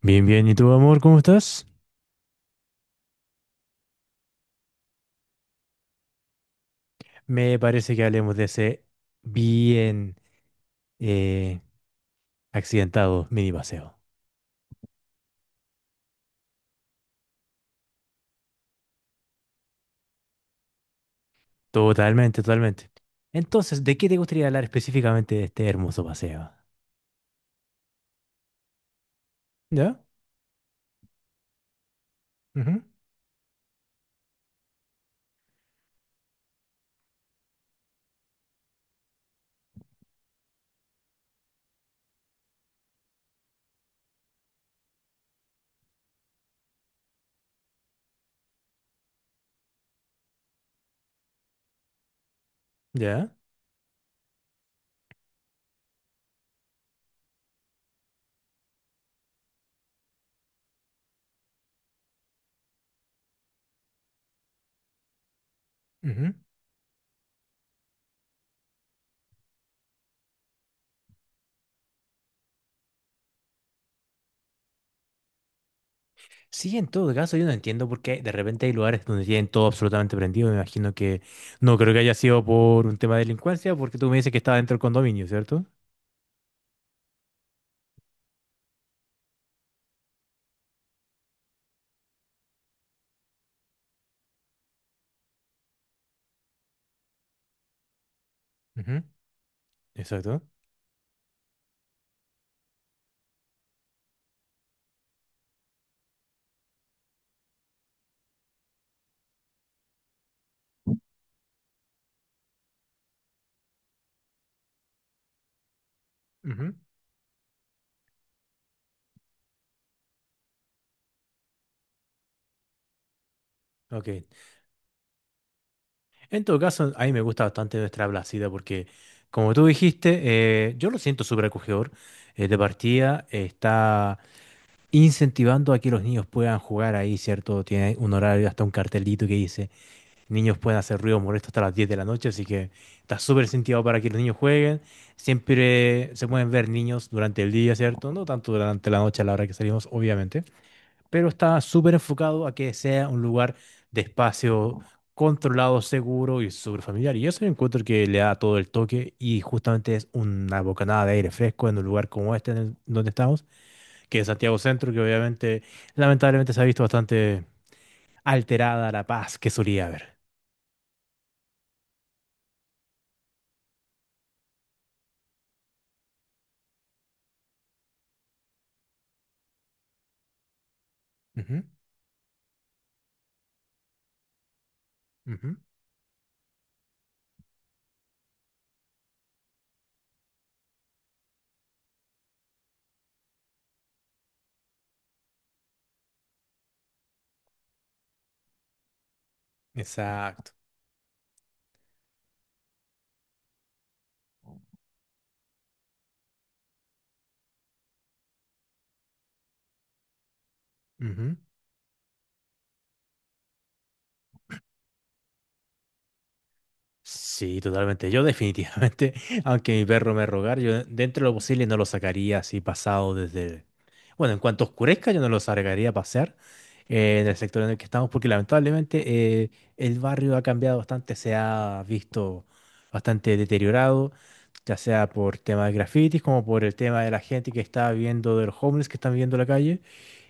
Bien, bien. ¿Y tú, amor, cómo estás? Me parece que hablemos de ese bien, eh, accidentado mini paseo. Totalmente, totalmente. Entonces, ¿de qué te gustaría hablar específicamente de este hermoso paseo? Ya. Ujú. ¿Ya? Ujú. Sí, en todo caso, yo no entiendo por qué de repente hay lugares donde tienen todo absolutamente prendido. Me imagino que no creo que haya sido por un tema de delincuencia, porque tú me dices que estaba dentro del condominio, ¿cierto? Ujú. Exacto. Ujú. Ok. En todo caso, a mí me gusta bastante nuestra Blasida porque, como tú dijiste, yo lo siento súper acogedor. De partida, está incentivando a que los niños puedan jugar ahí, ¿cierto? Tiene un horario, hasta un cartelito que dice, niños pueden hacer ruido molesto hasta las 10 de la noche, así que está súper incentivado para que los niños jueguen. Siempre se pueden ver niños durante el día, ¿cierto? No tanto durante la noche a la hora que salimos, obviamente, pero está súper enfocado a que sea un lugar de espacio controlado, seguro y súper familiar. Y eso yo encuentro que le da todo el toque y justamente es una bocanada de aire fresco en un lugar como este donde estamos, que es Santiago Centro, que obviamente, lamentablemente se ha visto bastante alterada la paz que solía haber. Ujú. Ujú. Exacto. Sí, totalmente. Yo definitivamente, aunque mi perro me rogar, yo dentro de lo posible no lo sacaría así pasado desde... Bueno, en cuanto oscurezca, yo no lo sacaría a pasear en el sector en el que estamos, porque lamentablemente el barrio ha cambiado bastante, se ha visto bastante deteriorado, ya sea por temas de grafitis como por el tema de la gente que está viviendo, de los homeless que están viviendo en la calle.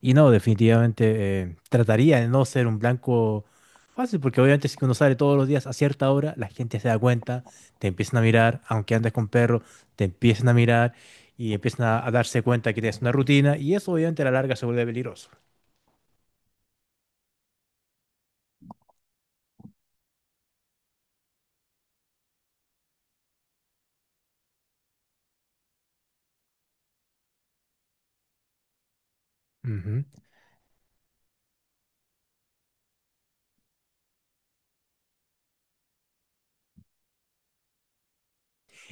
Y no, definitivamente trataría de no ser un blanco fácil, porque obviamente si uno sale todos los días a cierta hora, la gente se da cuenta, te empiezan a mirar, aunque andes con perro, te empiezan a mirar y empiezan a, darse cuenta que tienes una rutina, y eso obviamente a la larga se vuelve peligroso. Ujú.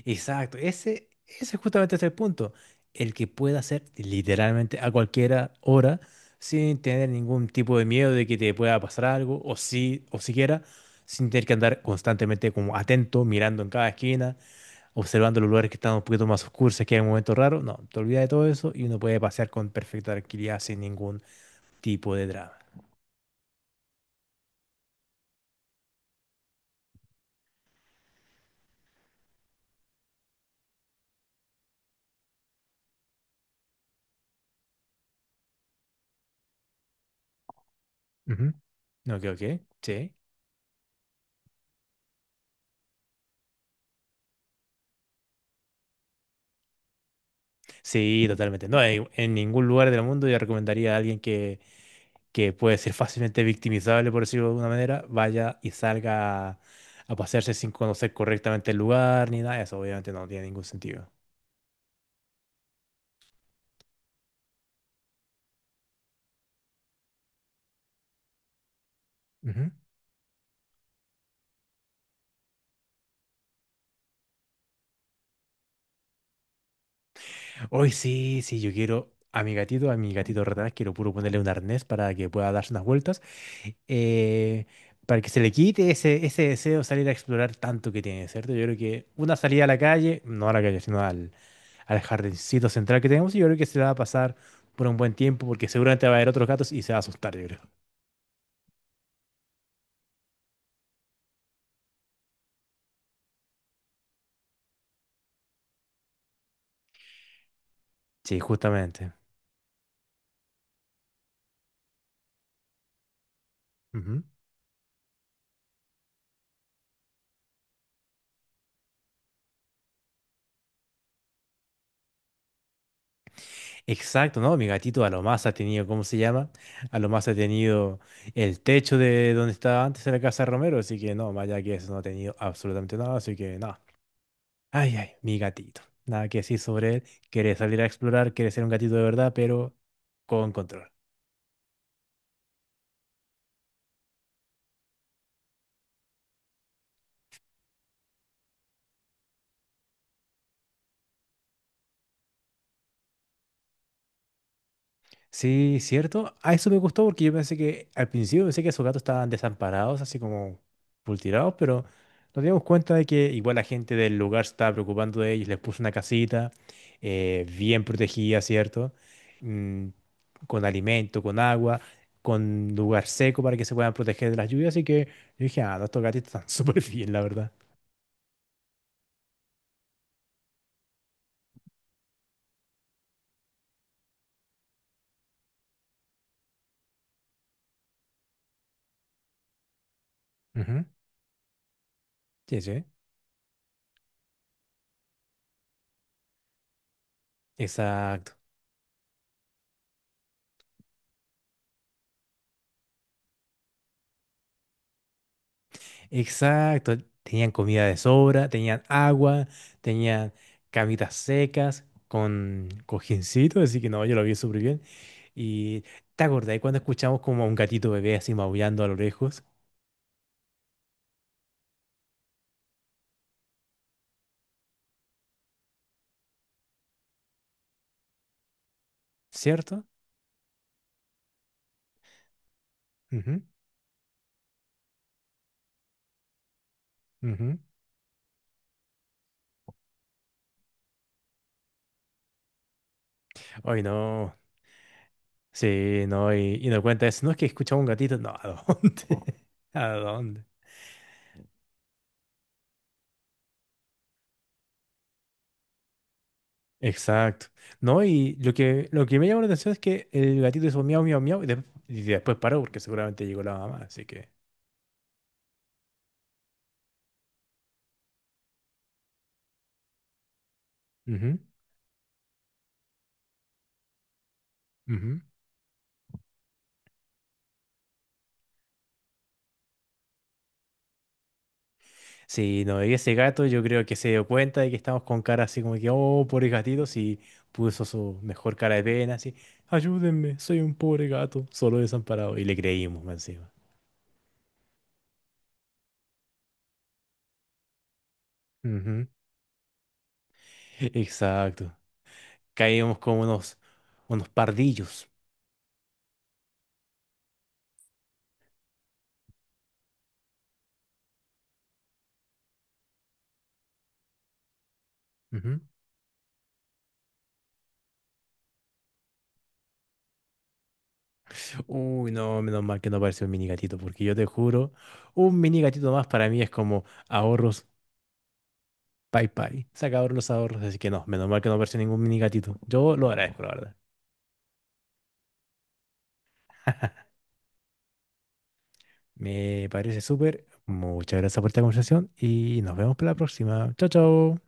Exacto, ese justamente es el punto. El que pueda hacer literalmente a cualquier hora sin tener ningún tipo de miedo de que te pueda pasar algo o sí o siquiera sin tener que andar constantemente como atento, mirando en cada esquina, observando los lugares que están un poquito más oscuros, que hay un momento raro. No, te olvidas de todo eso y uno puede pasear con perfecta tranquilidad sin ningún tipo de drama. Ujú. Ok, ok. Sí. Sí, totalmente. No, en ningún lugar del mundo yo recomendaría a alguien que puede ser fácilmente victimizable, por decirlo de alguna manera, vaya y salga a, pasearse sin conocer correctamente el lugar ni nada de eso. Obviamente no tiene ningún sentido. Ujú. Hoy sí, sí, yo quiero a mi gatito retrás, quiero puro ponerle un arnés para que pueda darse unas vueltas, eh, para que se le quite ese, ese deseo de salir a explorar tanto que tiene, ¿cierto? Yo creo que una salida a la calle, no a la calle, sino al, jardincito central que tenemos, yo creo que se la va a pasar por un buen tiempo porque seguramente va a haber otros gatos y se va a asustar, yo creo. Sí, justamente. Ujú. Exacto, ¿no? Mi gatito a lo más ha tenido, ¿cómo se llama? A lo más ha tenido el techo de donde estaba antes en la casa de Romero, así que no, más allá que eso no ha tenido absolutamente nada, así que no. Ay, ay, mi gatito. Nada que decir sobre él. Quiere salir a explorar, quiere ser un gatito de verdad, pero con control. Sí, cierto. A eso me gustó porque yo pensé que al principio pensé que esos gatos estaban desamparados, así como pultirados, pero nos dimos cuenta de que igual la gente del lugar se estaba preocupando de ellos, les puso una casita bien protegida, ¿cierto? Mm, con alimento, con agua, con lugar seco para que se puedan proteger de las lluvias. Así que yo dije, ah, no, estos gatitos están súper bien, la verdad. Ujú. Sí, sí. Exacto. Exacto, tenían comida de sobra, tenían agua, tenían camitas secas con cojincito, así que no, yo lo vi súper bien. Y te acordás cuando escuchamos como a un gatito bebé así maullando a lo lejos, ¿cierto? Ujú, ujú. Ay, no, sí, no, y, no cuenta eso, no es que escuchamos un gatito, no, ¿a dónde? ¿A dónde? Exacto. No, y lo que me llamó la atención es que el gatito hizo miau, miau, miau, y, de- y después paró porque seguramente llegó la mamá, así que... Ujú. Ujú. Sí, no, y ese gato yo creo que se dio cuenta de que estamos con cara así como que, oh, pobre gatito, y puso su mejor cara de pena, así, ayúdenme, soy un pobre gato, solo desamparado. Y le creímos más encima. Ujú. Exacto. Caímos como unos, pardillos. Ujú. Uy, no, menos mal que no apareció un mini gatito, porque yo te juro, un mini gatito más para mí es como ahorros, bye bye. Se acabaron los ahorros, así que no, menos mal que no apareció ningún mini gatito. Yo lo agradezco, la verdad. Me parece súper. Muchas gracias por esta conversación y nos vemos para la próxima. Chao, chao.